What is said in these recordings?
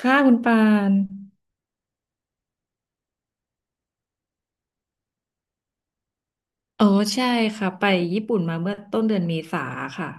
ค่ะคุณปาน เออใช่ค่ะไปญี่ปุ่นมาเมื่อต้นเดือนเมษาค่ะ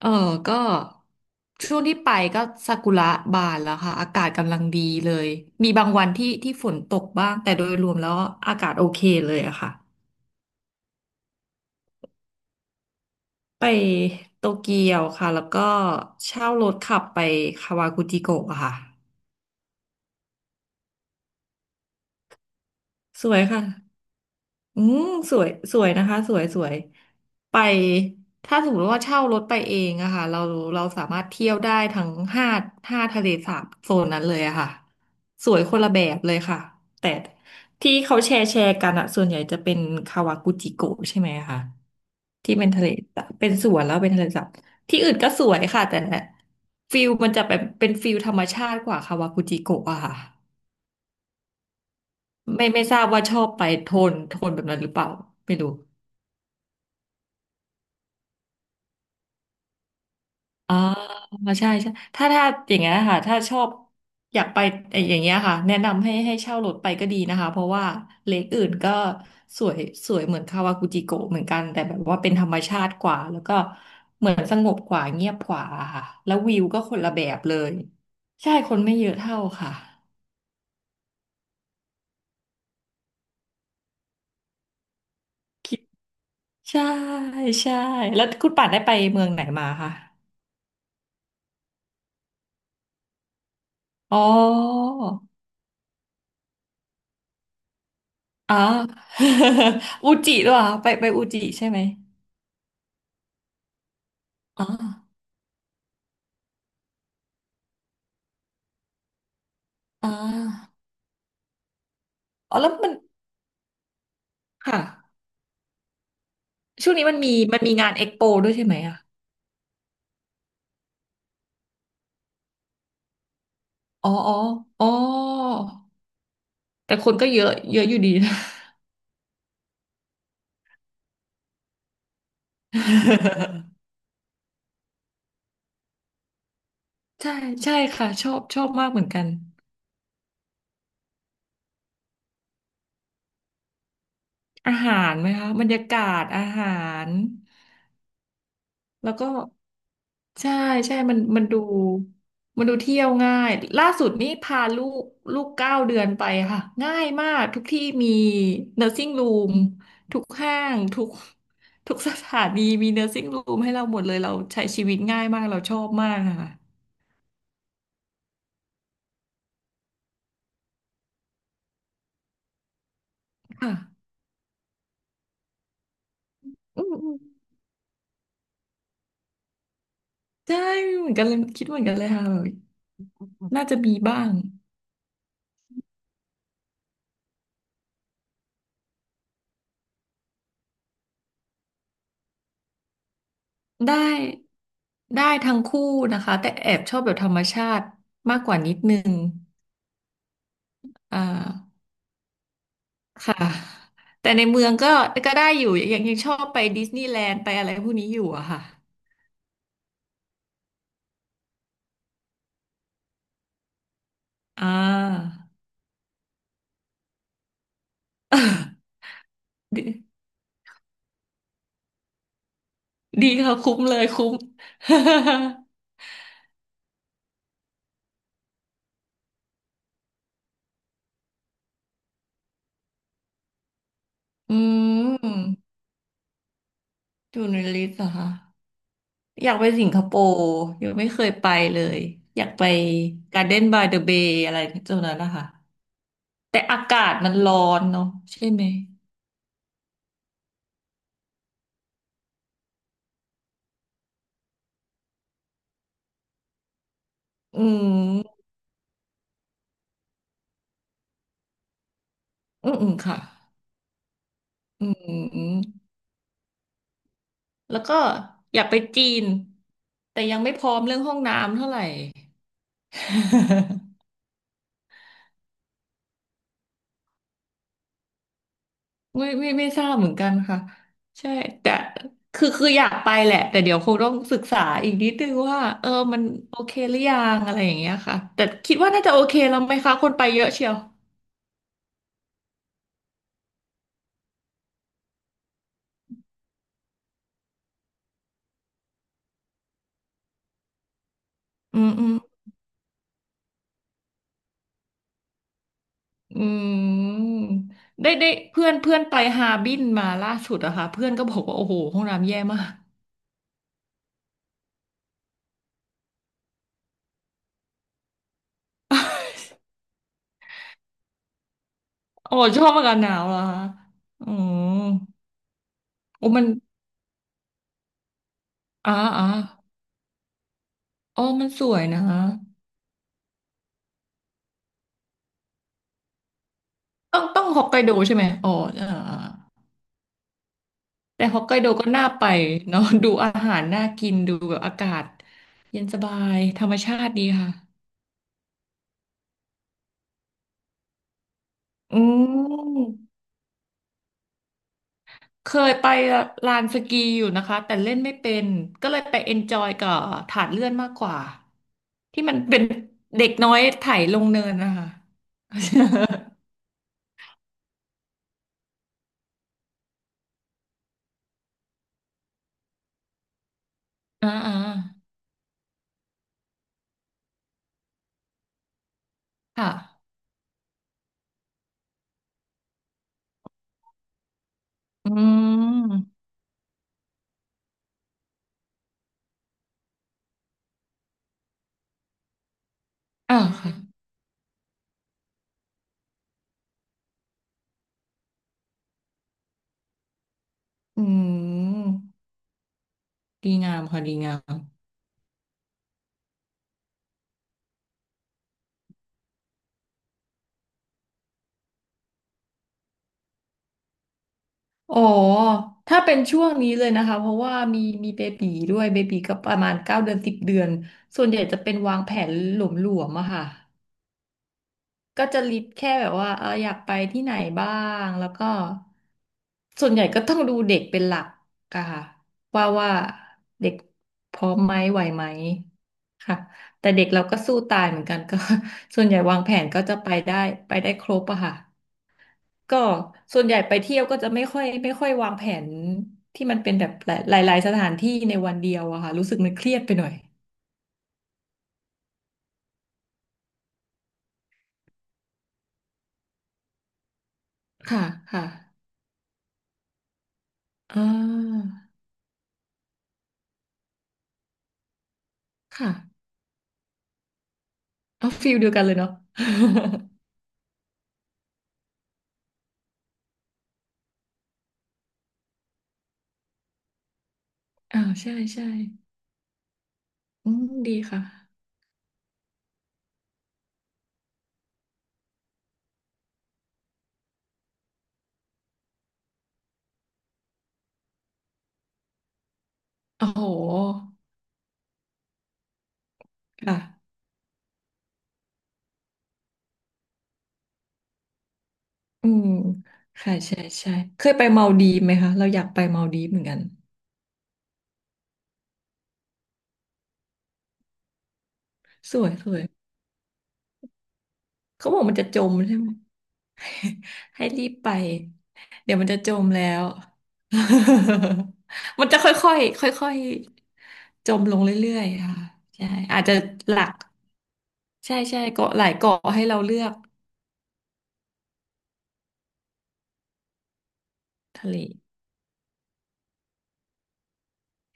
เออก็ช่วงที่ไปก็ซากุระบานแล้วค่ะอากาศกำลังดีเลยมีบางวันที่ฝนตกบ้างแต่โดยรวมแล้วอากาศโอเคเลยอะค่ะไปโตเกียวค่ะแล้วก็เช่ารถขับไปคาวากุจิโกะอะค่ะสวยค่ะ อืมสวยสวยนะคะสวยสวยไปถ้าสมมติว่าเช่ารถไปเองอะค่ะเราสามารถเที่ยวได้ทั้งห้าห้าทะเลสาบโซนนั้นเลยอะค่ะสวยคนละแบบเลยค่ะแต่ที่เขาแชร์กันอะส่วนใหญ่จะเป็นคาวากุจิโกะใช่ไหมคะที่เป็นทะเลสาบเป็นสวนแล้วเป็นทะเลสาบที่อื่นก็สวยค่ะแต่ฟิลมันจะแบบเป็นฟิลธรรมชาติกว่าคาวากุจิโกะอะค่ะไม่ทราบว่าชอบไปโทนโทนแบบนั้นหรือเปล่าไม่รู้ อ๋าใช่ใช่ถ้าอย่างเงี้ยค่ะถ้าชอบอยากไปอย่างเงี้ยค่ะแนะนำให้เช่ารถไปก็ดีนะคะเพราะว่าเลคอื่นก็สวยสวยเหมือนคาวากุจิโกะเหมือนกันแต่แบบว่าเป็นธรรมชาติกว่าแล้วก็เหมือนสงบกว่าเงียบกว่าค่ะแล้ววิวก็คนละแบบเลยใช่คนไม่เยอะเท่าค่ะคิดใช่ใช่แล้วคุณป่านได้ไปเมืองไหนมาคะอ๋ออ๋อ อุจิด้วยเหรอไปอุจิใช่ไหมอ๋อ อ่าอ๋อแล้วมัน ค่ะ ช่วงนี้มันมีงานเอ็กโปด้วยใช่ไหมอ่ะอ๋ออ๋อ อ๋อ แต่คนก็เยอะ เยอะอยู่ดีนะ ใช่ ใช่ค่ะ ชอบ ชอบมากเหมือนกัน อาหารไหมคะบรรยากาศอาหาร แล้วก็ ใช่ใช่มันดูเที่ยวง่ายล่าสุดนี่พาลูกเก้าเดือนไปค่ะง่ายมากทุกที่มี nursing room ทุกห้างทุกสถานีมี nursing room ให้เราหมดเลยเราใช้ชีวิตง่ายมากเราชอบมากค่ะค่ะอืมอืมใช่เหมือนกันเลยคิดเหมือนกันเลยค่ะแบบน่าจะมีบ้างได้ได้ทั้งคู่นะคะแต่แอบชอบแบบธรรมชาติมากกว่านิดนึงอ่า ค่ะแต่ในเมืองก็ก็ได้อยู่ยังชอบไปดิสนีย์แลนด์ไปอะไรพวกนี้อยู่อะค่ะอ่า ดีดีค่ะคุ้มเลยคุ้ม อืมอยู่ในลิสต์เหรอคะอยากไปสิงคโปร์ยังไม่เคยไปเลยอยากไปการ์เด้นบายเดอะเบย์อะไรตรงนั้นนะคะแต่อากาศมันร้อนเนาะใช่ไหมอืมอืมอืมค่ะอืม แล้วก็อยากไปจีนแต่ยังไม่พร้อมเรื่องห้องน้ำเท่าไหร่ ไม่ทราบเหมือนกันค่ะใช่แต่คืออยากไปแหละแต่เดี๋ยวคงต้องศึกษาอีกนิดนึงว่าเออมันโอเคหรือยังอะไรอย่างเงี้ยค่ะแต่คิดว่าน่าจะโอเคแล้วไหมคะคนไปเยอะเชียวอืมอืมอืมได้ได้เพื่อนเพื่อนไปฮาร์บินมาล่าสุดอะค่ะเพื่อนก็บอกว่าโอ้โหห้องน้ำแย่มาก โอ้ชอบอากาศหนาวเหรอคะอืมโอ้มัน อ่าอ่าอ๋อมันสวยนะต้องฮอกไกโดใช่ไหมอ๋ออ่าอ่าแต่ฮอกไกโดก็น่าไปเนาะ ดูอาหารน่ากิน ดูแบบอากาศเย็นสบายธรรมชาติดีค่ะ อืมเคยไปลานสกีอยู่นะคะ แต่เล่นไม่เป็น ก็เลยไปเอนจอยกับถาดเลื่อนมากกว่าที่มันเป็นเด็กน้อยไถลงเนินนะคะ อ่าอ่าค่ะอืมอ่าค่ะอืม ดีงามค่ะดีงามอ๋อถ้าเป็นช่วงนี้เลยนะคะเพราะว่ามีเบบีด้วยเบบีก็ประมาณเก้าเดือน10 เดือนส่วนใหญ่จะเป็นวางแผนหลวมๆอะค่ะก็จะลิสต์แค่แบบว่าเอออยากไปที่ไหนบ้างแล้วก็ส่วนใหญ่ก็ต้องดูเด็กเป็นหลักอะค่ะว่าเด็กพร้อมไหมไหวไหมค่ะแต่เด็กเราก็สู้ตายเหมือนกันก็ ส่วนใหญ่วางแผนก็จะไปได้ครบอะค่ะ ก็ส่วนใหญ่ไปเที่ยวก็จะไม่ค่อยวางแผนที่มันเป็นแบบหลายหลายๆสถานที่ในวันเดียวอะค่ะรู้สึกมันเครียดไปหน่อย ค่ะค่ะอ่าค่ะ เอาฟิลเดียวกันเลยเนาะ อ่าใช่ใช่อืมดีค่ะโอ้โหค่ะอืมค่ะใช่ใช่เคยไปเมาดีฟไหมคะเราอยากไปเมาดีฟเหมือนกันสวยสวย เขาบอกมันจะจมใช่ไหม ให้รีบไปเดี๋ยวมันจะจมแล้ว มันจะค่อยๆค่อยๆจมลงเรื่อยๆค่ะใช่อาจจะหลักใช่ใช่เกาะหลายเกาะให้เราเลือกทะเล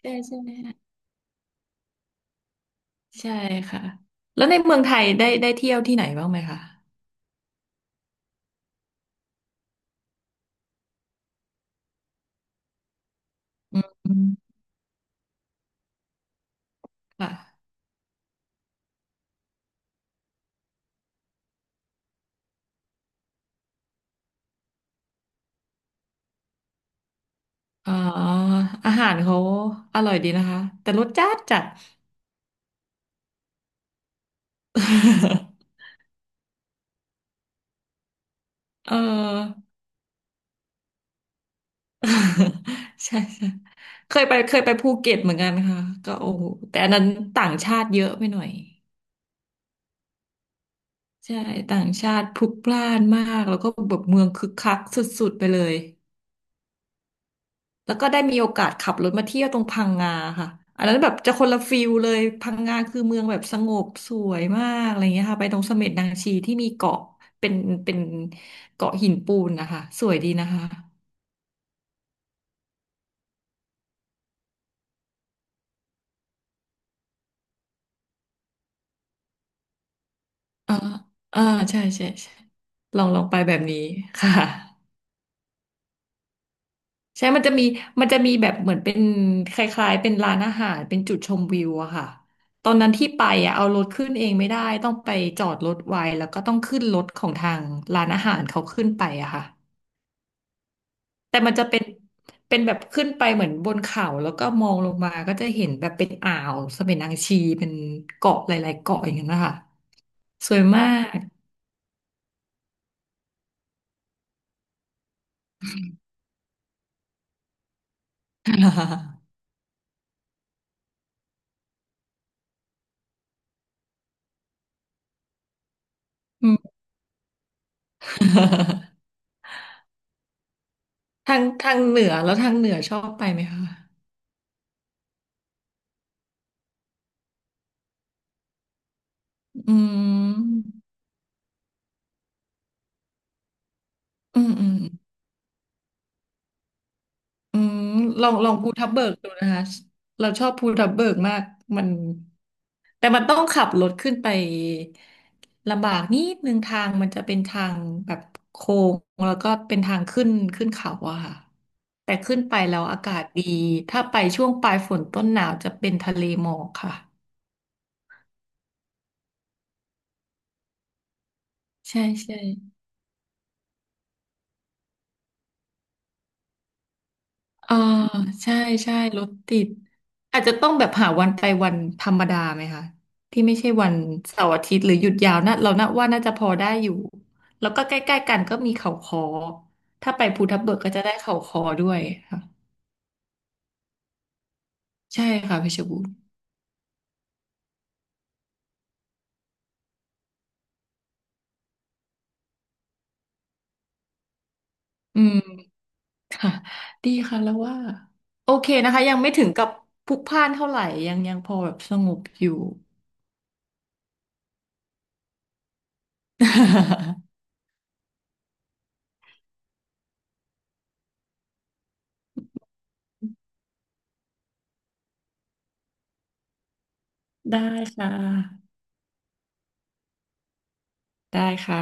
ใช่ใช่ไหมใช่ค่ะแล้วในเมืองไทยได้เที่ยวที่ไหนบ้างไหมคะอืมอืมค่ะอ๋ออาหารเขาอร่อยดีนะคะแต่รสจัดจัด เออ ใช่ใช่เคยไปภูเก็ตเหมือนกันค่ะก็โอ้โหแต่อันนั้นต่างชาติเยอะไปหน่อยใช่ต่างชาติพลุกพล่านมากแล้วก็แบบเมืองคึกคักสุดๆไปเลยแล้วก็ได้มีโอกาสขับรถมาเที่ยวตรงพังงาค่ะอันนั้นแบบจะคนละฟิลเลยพังงาคือเมืองแบบสงบสวยมากอะไรเงี้ยค่ะไปตรงเสม็ดนางชีที่มีเกาะเป็นเป็นเกาะหินปูนนะคะสวยดีนะคะอ่าอ่าใช่ใช่ใช่ลองลองไปแบบนี้ค่ะ ใช่มันจะมีมันจะมีแบบเหมือนเป็นคล้ายๆเป็นร้านอาหาร เป็นจุดชมวิวอะค่ะ ตอนนั้นที่ไปอะเอารถขึ้นเองไม่ได้ต้องไปจอดรถไว้แล้วก็ต้องขึ้นรถของทางร้านอาหารเขาขึ้นไปอะค่ะแต่มันจะเป็นเป็นแบบขึ้นไปเหมือนบนเขาแล้วก็มองลงมาก็จะเห็นแบบเป็นอ่าวเสม็นางชีเป็นเกาะหลายๆเกาะอย่างนั้นนะคะสวยมาก อืม ทางเหนือแล้วทางเหนือชอบไปไหมคะอืมอืมอืม อืมลองลองภูทับเบิกดูนะคะเราชอบภูทับเบิกมากมันแต่มันต้องขับรถขึ้นไปลำบากนิดนึงทางมันจะเป็นทางแบบโค้งแล้วก็เป็นทางขึ้นขึ้นเขาอะค่ะแต่ขึ้นไปแล้วอากาศดีถ้าไปช่วงปลายฝนต้นหนาวจะเป็นทะเลหมอกค่ะใช่ใช่ เอ่าใช่ใช่รถติดอาจจะต้องแบบหาวันไปวันธรรมดาไหมคะที่ไม่ใช่วันเสาร์อาทิตย์หรือหยุดยาวนะเราน่าว่าน่าจะพอได้อยู่แล้วก็ใกล้ๆกันก็มีเขาคอถ้าไปภูทับเบิกก็จะได้เขาคอด้วยค่ะใช่ค่ะเพชรบูรณ์อืมค่ะดีค่ะแล้วว่าโอเคนะคะยังไม่ถึงกับพลุกพล่านเท่าไหร่ยังยังพอแบบสงบอยู่ ได้ค่ะได้ค่ะ